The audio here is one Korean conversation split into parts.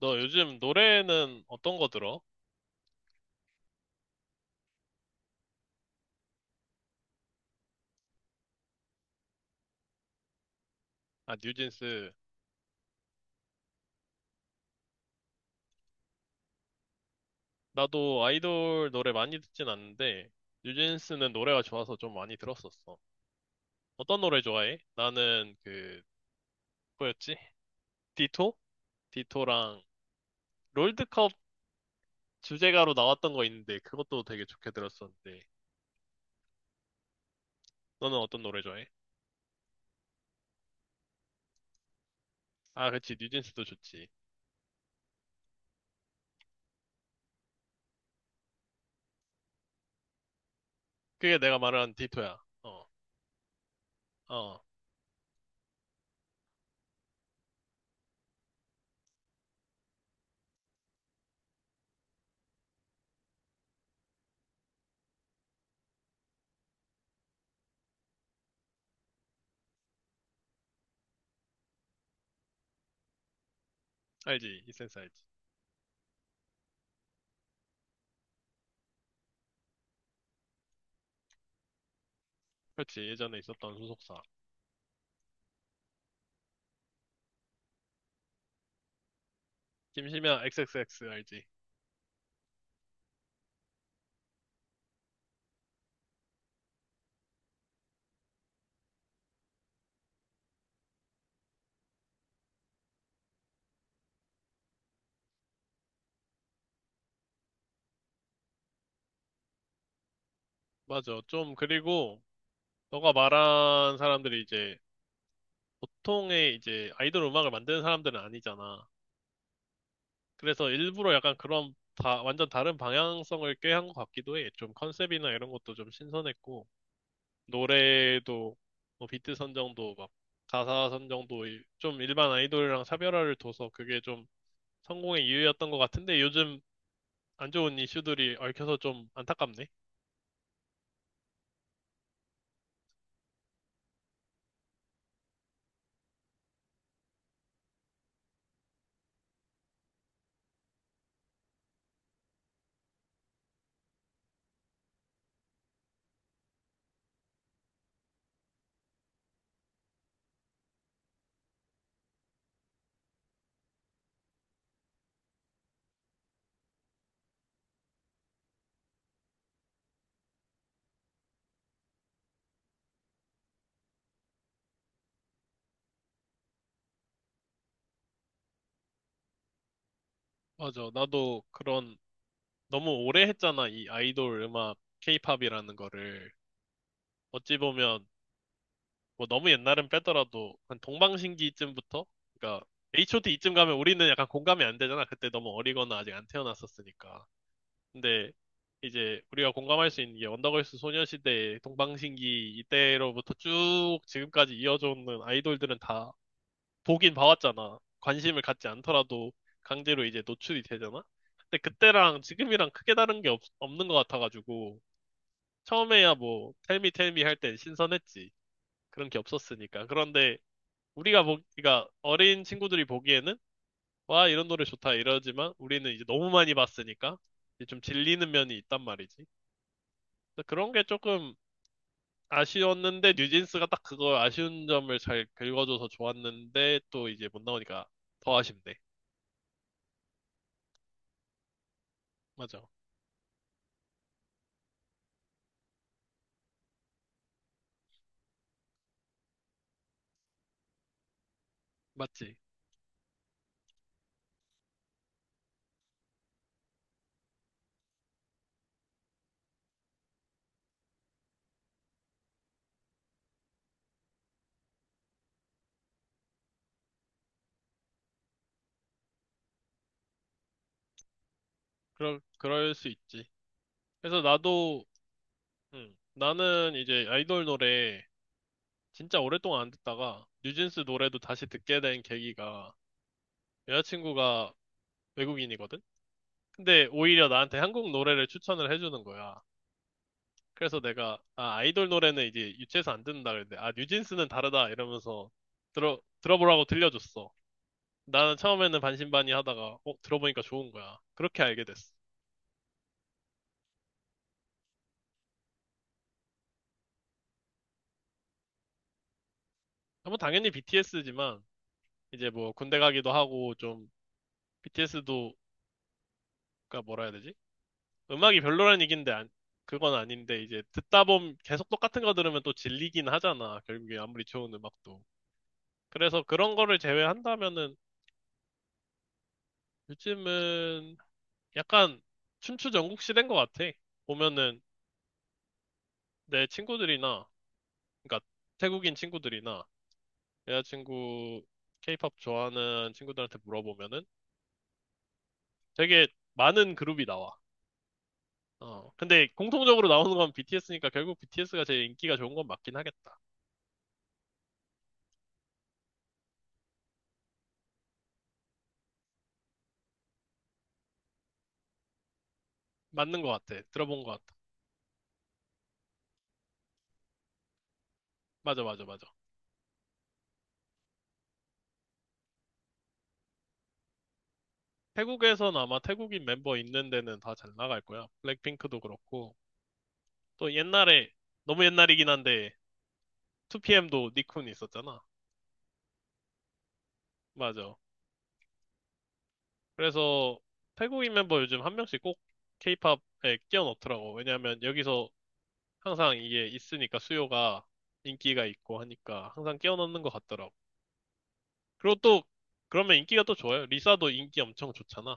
너 요즘 노래는 어떤 거 들어? 아, 뉴진스. 나도 아이돌 노래 많이 듣진 않는데, 뉴진스는 노래가 좋아서 좀 많이 들었었어. 어떤 노래 좋아해? 나는 그, 뭐였지? 디토? 디토랑 롤드컵 주제가로 나왔던 거 있는데, 그것도 되게 좋게 들었었는데, 너는 어떤 노래 좋아해? 아, 그치. 뉴진스도 좋지. 그게 내가 말한 디토야. 어, 어. 알지. 이센스 알지. 그렇지. 예전에 있었던 소속사. 김시면 XXX 알지. 맞아. 좀, 그리고, 너가 말한 사람들이 이제 보통의 이제 아이돌 음악을 만드는 사람들은 아니잖아. 그래서 일부러 약간 그런 다 완전 다른 방향성을 꾀한 것 같기도 해. 좀 컨셉이나 이런 것도 좀 신선했고 노래도 뭐 비트 선정도 막 가사 선정도 좀 일반 아이돌이랑 차별화를 둬서 그게 좀 성공의 이유였던 것 같은데 요즘 안 좋은 이슈들이 얽혀서 좀 안타깝네. 맞아. 나도 그런 너무 오래 했잖아. 이 아이돌 음악 케이팝이라는 거를. 어찌 보면 뭐 너무 옛날은 빼더라도 한 동방신기쯤부터 그러니까 H.O.T.이쯤 가면 우리는 약간 공감이 안 되잖아. 그때 너무 어리거나 아직 안 태어났었으니까. 근데 이제 우리가 공감할 수 있는 게 언더걸스 소녀시대, 동방신기 이때로부터 쭉 지금까지 이어져 오는 아이돌들은 다 보긴 봐왔잖아. 관심을 갖지 않더라도 강제로 이제 노출이 되잖아. 근데 그때랑 지금이랑 크게 다른 게 없는 것 같아가지고 처음에야 뭐 텔미 텔미 할 땐 신선했지. 그런 게 없었으니까. 그런데 그러니까 어린 친구들이 보기에는 와, 이런 노래 좋다 이러지만 우리는 이제 너무 많이 봤으니까 이제 좀 질리는 면이 있단 말이지. 그래서 그런 게 조금 아쉬웠는데 뉴진스가 딱 그걸 아쉬운 점을 잘 긁어줘서 좋았는데 또 이제 못 나오니까 더 아쉽네. 맞아. 맞지. 그럴 수 있지. 그래서 나도, 나는 이제 아이돌 노래 진짜 오랫동안 안 듣다가 뉴진스 노래도 다시 듣게 된 계기가 여자친구가 외국인이거든? 근데 오히려 나한테 한국 노래를 추천을 해주는 거야. 그래서 내가, 아, 아이돌 노래는 이제 유치해서 안 듣는다 그랬는데, 아, 뉴진스는 다르다 이러면서 들어보라고 들려줬어. 나는 처음에는 반신반의 하다가, 어, 들어보니까 좋은 거야. 그렇게 알게 됐어. 아, 뭐 당연히 BTS지만, 이제 뭐 군대 가기도 하고 좀, BTS도, 가 뭐라 해야 되지? 음악이 별로란 얘긴데, 그건 아닌데, 이제 듣다 보면 계속 똑같은 거 들으면 또 질리긴 하잖아. 결국에 아무리 좋은 음악도. 그래서 그런 거를 제외한다면은 요즘은 약간 춘추 전국 시대인 것 같아. 보면은 내 친구들이나, 그러니까 태국인 친구들이나 여자친구 케이팝 좋아하는 친구들한테 물어보면은 되게 많은 그룹이 나와. 어, 근데 공통적으로 나오는 건 BTS니까 결국 BTS가 제일 인기가 좋은 건 맞긴 하겠다. 맞는 것 같아. 들어본 것 같아. 맞아, 맞아, 맞아. 태국에선 아마 태국인 멤버 있는 데는 다 잘 나갈 거야. 블랙핑크도 그렇고. 또 옛날에, 너무 옛날이긴 한데, 2PM도 니쿤이 있었잖아. 맞아. 그래서 태국인 멤버 요즘 한 명씩 꼭 케이팝에 끼워 넣더라고. 왜냐하면 여기서 항상 이게 있으니까 수요가 인기가 있고 하니까 항상 끼워 넣는 것 같더라고. 그리고 또 그러면 인기가 또 좋아요. 리사도 인기 엄청 좋잖아.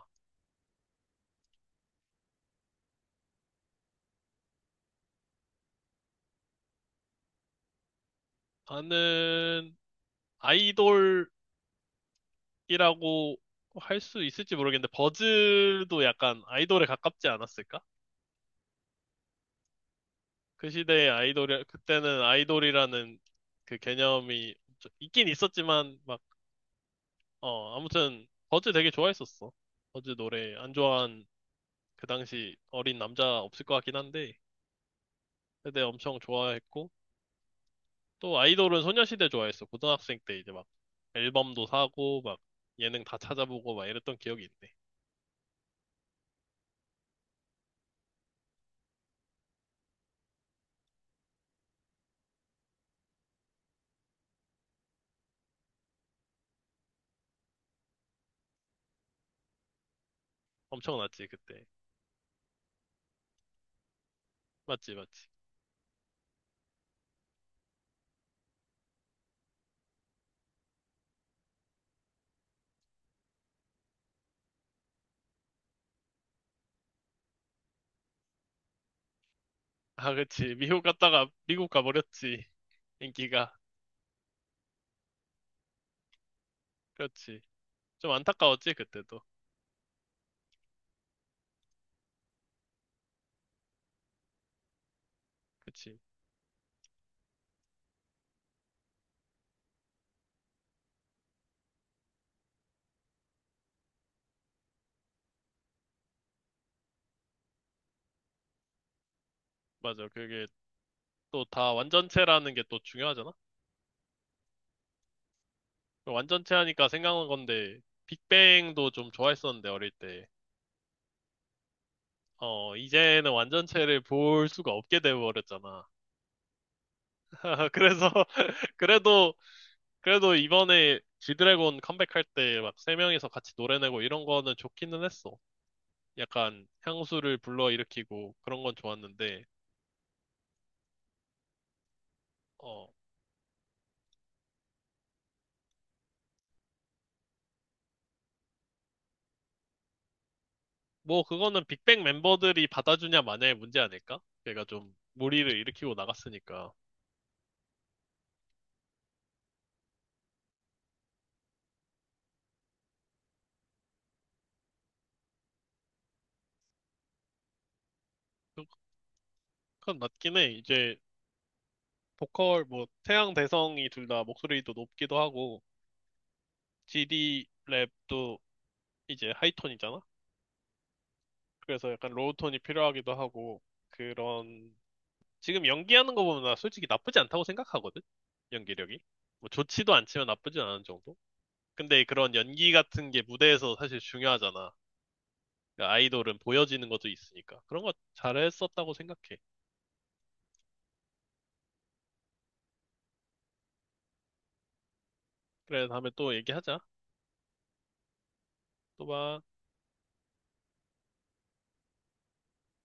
나는 아이돌이라고 할 수 있을지 모르겠는데 버즈도 약간 아이돌에 가깝지 않았을까? 그 시대의 아이돌이 그때는 아이돌이라는 그 개념이 있긴 있었지만 막 어, 아무튼 버즈 되게 좋아했었어. 버즈 노래 안 좋아한 그 당시 어린 남자 없을 것 같긴 한데 그때 엄청 좋아했고 또 아이돌은 소녀시대 좋아했어. 고등학생 때 이제 막 앨범도 사고 막 예능 다 찾아보고 막 이랬던 기억이 있네. 엄청났지 그때. 맞지 맞지. 아 그치 미국 갔다가 미국 가버렸지. 인기가. 그렇지. 좀 안타까웠지 그때도. 그치. 맞아. 그게 또 다 완전체라는 게 또 중요하잖아. 완전체 하니까 생각난 건데, 빅뱅도 좀 좋아했었는데, 어릴 때. 어, 이제는 완전체를 볼 수가 없게 돼버렸잖아. 그래서, 그래도, 그래도 이번에 지드래곤 컴백할 때 막 3명이서 같이 노래 내고 이런 거는 좋기는 했어. 약간 향수를 불러일으키고 그런 건 좋았는데, 어, 뭐 그거는 빅뱅 멤버들이 받아주냐 마냐의 문제 아닐까? 걔가 좀 무리를 일으키고 나갔으니까. 그건 맞긴 해. 이제 보컬 뭐 태양 대성이 둘 다 목소리도 높기도 하고 GD 랩도 이제 하이톤이잖아. 그래서 약간 로우톤이 필요하기도 하고 그런 지금 연기하는 거 보면 나 솔직히 나쁘지 않다고 생각하거든. 연기력이. 뭐 좋지도 않지만 나쁘지 않은 정도. 근데 그런 연기 같은 게 무대에서 사실 중요하잖아. 그러니까 아이돌은 보여지는 것도 있으니까. 그런 거 잘했었다고 생각해. 그래, 다음에 또 얘기하자. 또 봐.